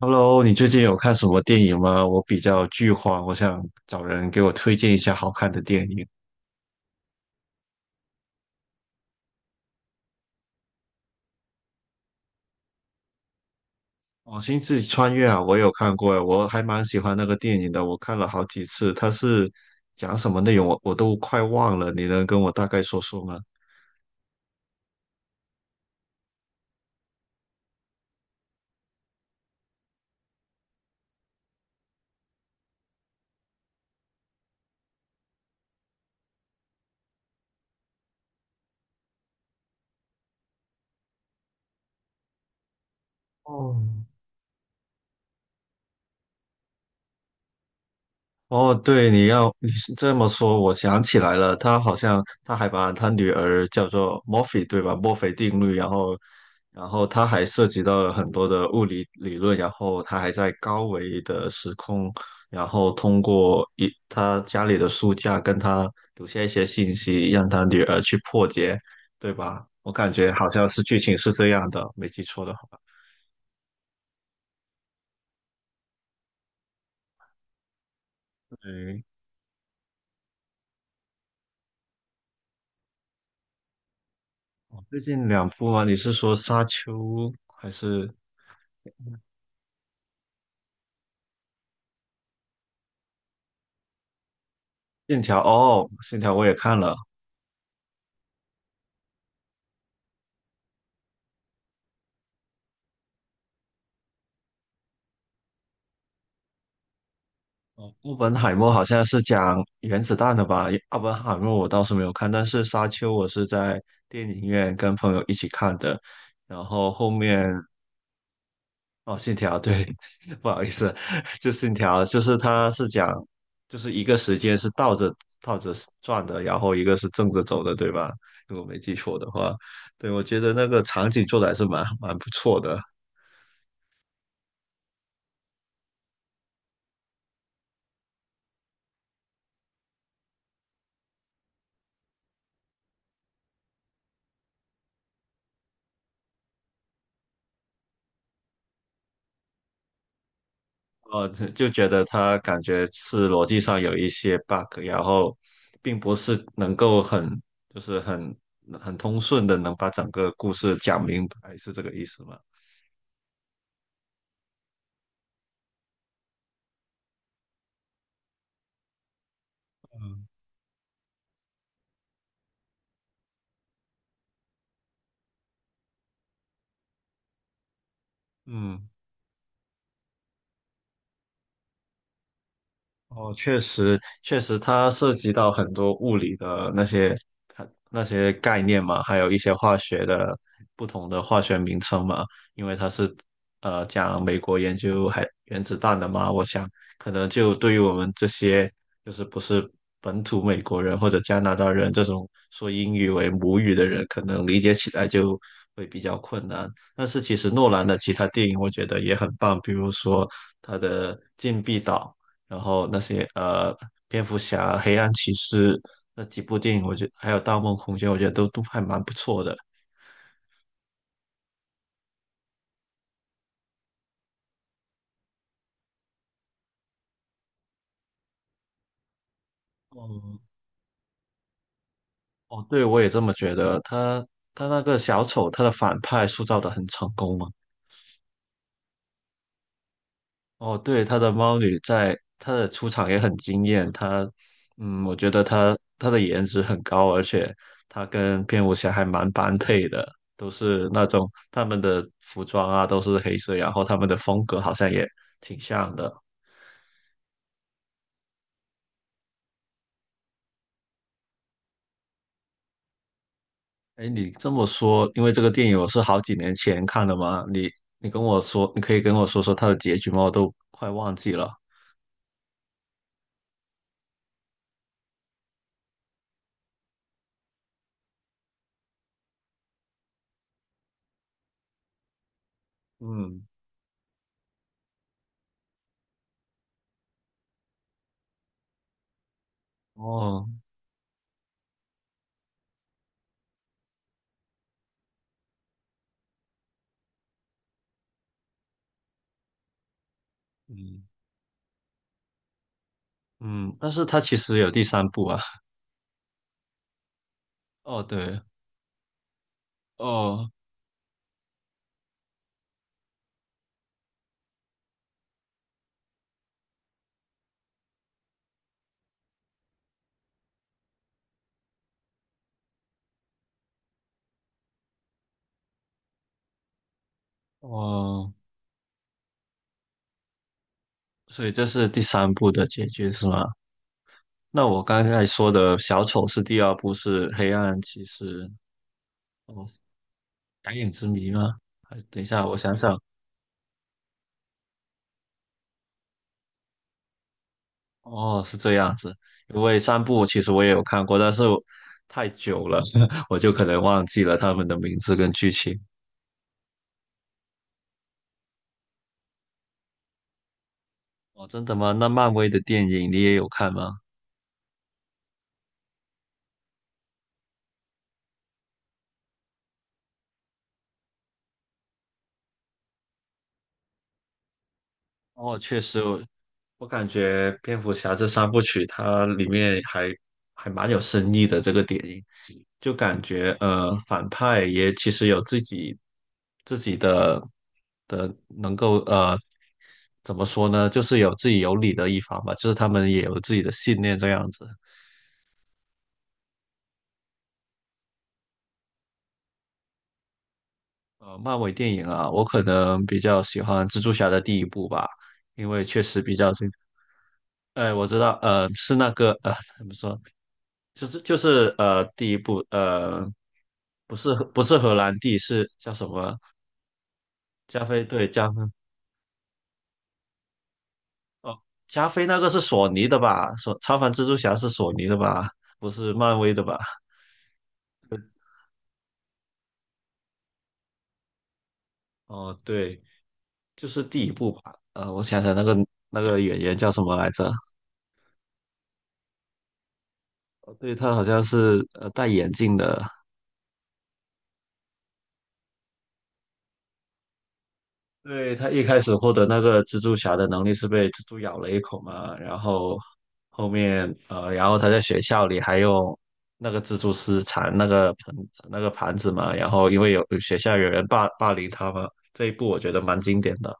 Hello，你最近有看什么电影吗？我比较剧荒，我想找人给我推荐一下好看的电影。哦，《星际穿越》啊，我有看过，我还蛮喜欢那个电影的，我看了好几次。它是讲什么内容，我都快忘了，你能跟我大概说说吗？哦，哦，对，你是这么说，我想起来了，他好像还把他女儿叫做墨菲，对吧？墨菲定律，然后，然后他还涉及到了很多的物理理论，然后他还在高维的时空，然后通过一他家里的书架跟他留下一些信息，让他女儿去破解，对吧？我感觉好像是剧情是这样的，没记错的话，对。哦最近两部啊，你是说《沙丘》还是？线条哦，线条我也看了。哦，奥本海默好像是讲原子弹的吧？奥本海默我倒是没有看，但是沙丘我是在电影院跟朋友一起看的。然后后面哦，信条对，不好意思，就信条就是它是讲就是一个时间是倒着转的，然后一个是正着走的，对吧？如果没记错的话，对，我觉得那个场景做的还是蛮不错的。就觉得他感觉是逻辑上有一些 bug，然后并不是能够很就是很很通顺的能把整个故事讲明白，是这个意思吗？嗯。哦，确实，确实，它涉及到很多物理的那些它那些概念嘛，还有一些化学的不同的化学名称嘛，因为它是讲美国研究还原子弹的嘛，我想可能就对于我们这些就是不是本土美国人或者加拿大人这种说英语为母语的人，可能理解起来就会比较困难。但是其实诺兰的其他电影我觉得也很棒，比如说他的《禁闭岛》。然后那些蝙蝠侠、黑暗骑士那几部电影，我觉得还有《盗梦空间》，我觉得都还蛮不错的。哦哦，对，我也这么觉得。他他那个小丑，他的反派塑造的很成功嘛。哦，对，他的猫女在她的出场也很惊艳。她，嗯，我觉得她的颜值很高，而且她跟蝙蝠侠还蛮般配的，都是那种他们的服装啊都是黑色，然后他们的风格好像也挺像的。哎，你这么说，因为这个电影我是好几年前看的嘛，你跟我说，你可以跟我说说它的结局吗？我都快忘记了。嗯，哦，嗯嗯，但是它其实有第三部啊。哦，对，哦哦，所以这是第三部的结局是吗？那我刚才说的小丑是第二部，是黑暗骑士，哦，蓝影之谜吗？还等一下，我想想，哦，是这样子。因为三部其实我也有看过，但是我太久了，我就可能忘记了他们的名字跟剧情。哦，真的吗？那漫威的电影你也有看吗？哦，确实，我感觉蝙蝠侠这三部曲它里面还还蛮有深意的。这个电影就感觉反派也其实有自己自己的的能够怎么说呢？就是有自己有理的一方吧，就是他们也有自己的信念这样子。漫威电影啊，我可能比较喜欢蜘蛛侠的第一部吧，因为确实比较精彩。哎，我知道，是那个，怎么说，就是第一部，不是荷兰弟，是叫什么？加菲，对，加菲，哦，加菲那个是索尼的吧？索超凡蜘蛛侠是索尼的吧？不是漫威的吧？哦，对，就是第一部吧。我想想，那个演员叫什么来着？哦对，他好像是戴眼镜的。对，他一开始获得那个蜘蛛侠的能力是被蜘蛛咬了一口嘛，然后后面然后他在学校里还用那个蜘蛛丝缠那个盆那个盘子嘛，然后因为有学校有人霸凌他嘛，这一部我觉得蛮经典的。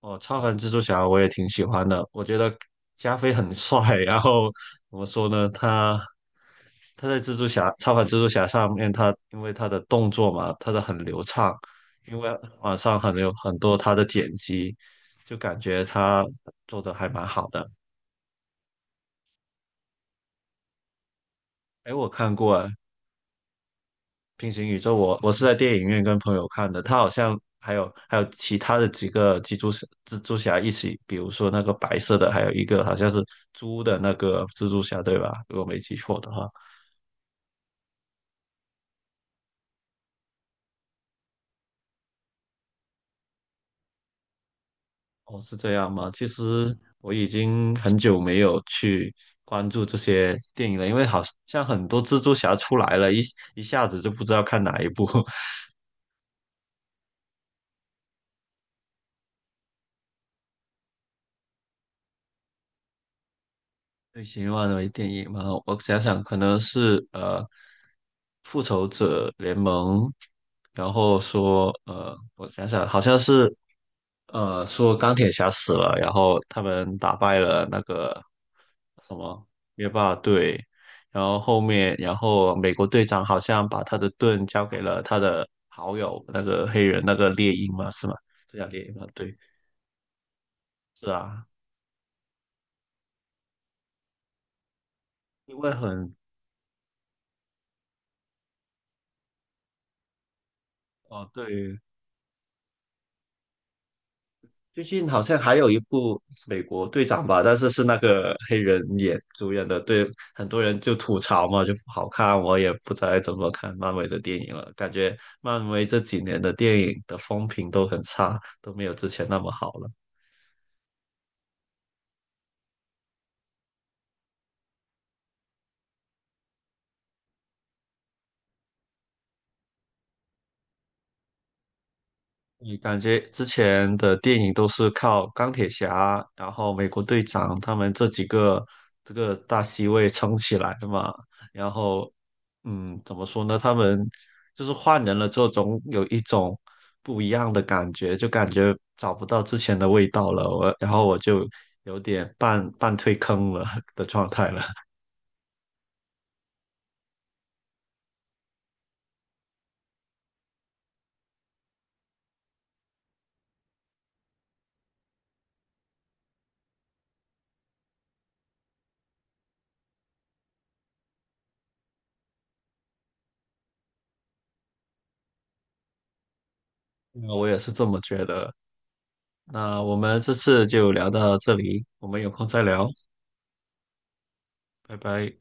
哦，超凡蜘蛛侠我也挺喜欢的，我觉得加菲很帅。然后怎么说呢？他在蜘蛛侠超凡蜘蛛侠上面，他因为他的动作嘛，他的很流畅，因为网上很有很多他的剪辑，就感觉他做的还蛮好的。哎，我看过，平行宇宙我是在电影院跟朋友看的，他好像还有其他的几个蜘蛛侠一起，比如说那个白色的，还有一个好像是猪的那个蜘蛛侠，对吧？如果没记错的话，哦，是这样吗？其实我已经很久没有去关注这些电影了，因为好像很多蜘蛛侠出来了，一下子就不知道看哪一部。类型化的电影嘛，我想想，可能是《复仇者联盟》，然后说我想想，好像是说钢铁侠死了，然后他们打败了那个什么灭霸队，然后后面，然后美国队长好像把他的盾交给了他的好友那个黑人那个猎鹰嘛，是吗？这叫猎鹰嘛？对，是啊，因为很哦对。最近好像还有一部美国队长吧，但是是那个黑人演主演的，对，很多人就吐槽嘛，就不好看。我也不再怎么看漫威的电影了，感觉漫威这几年的电影的风评都很差，都没有之前那么好了。你感觉之前的电影都是靠钢铁侠，然后美国队长他们这几个这个大 C 位撑起来的嘛？然后，嗯，怎么说呢？他们就是换人了之后，总有一种不一样的感觉，就感觉找不到之前的味道了。我，然后我就有点半退坑了的状态了。那我也是这么觉得。那我们这次就聊到这里，我们有空再聊，拜拜。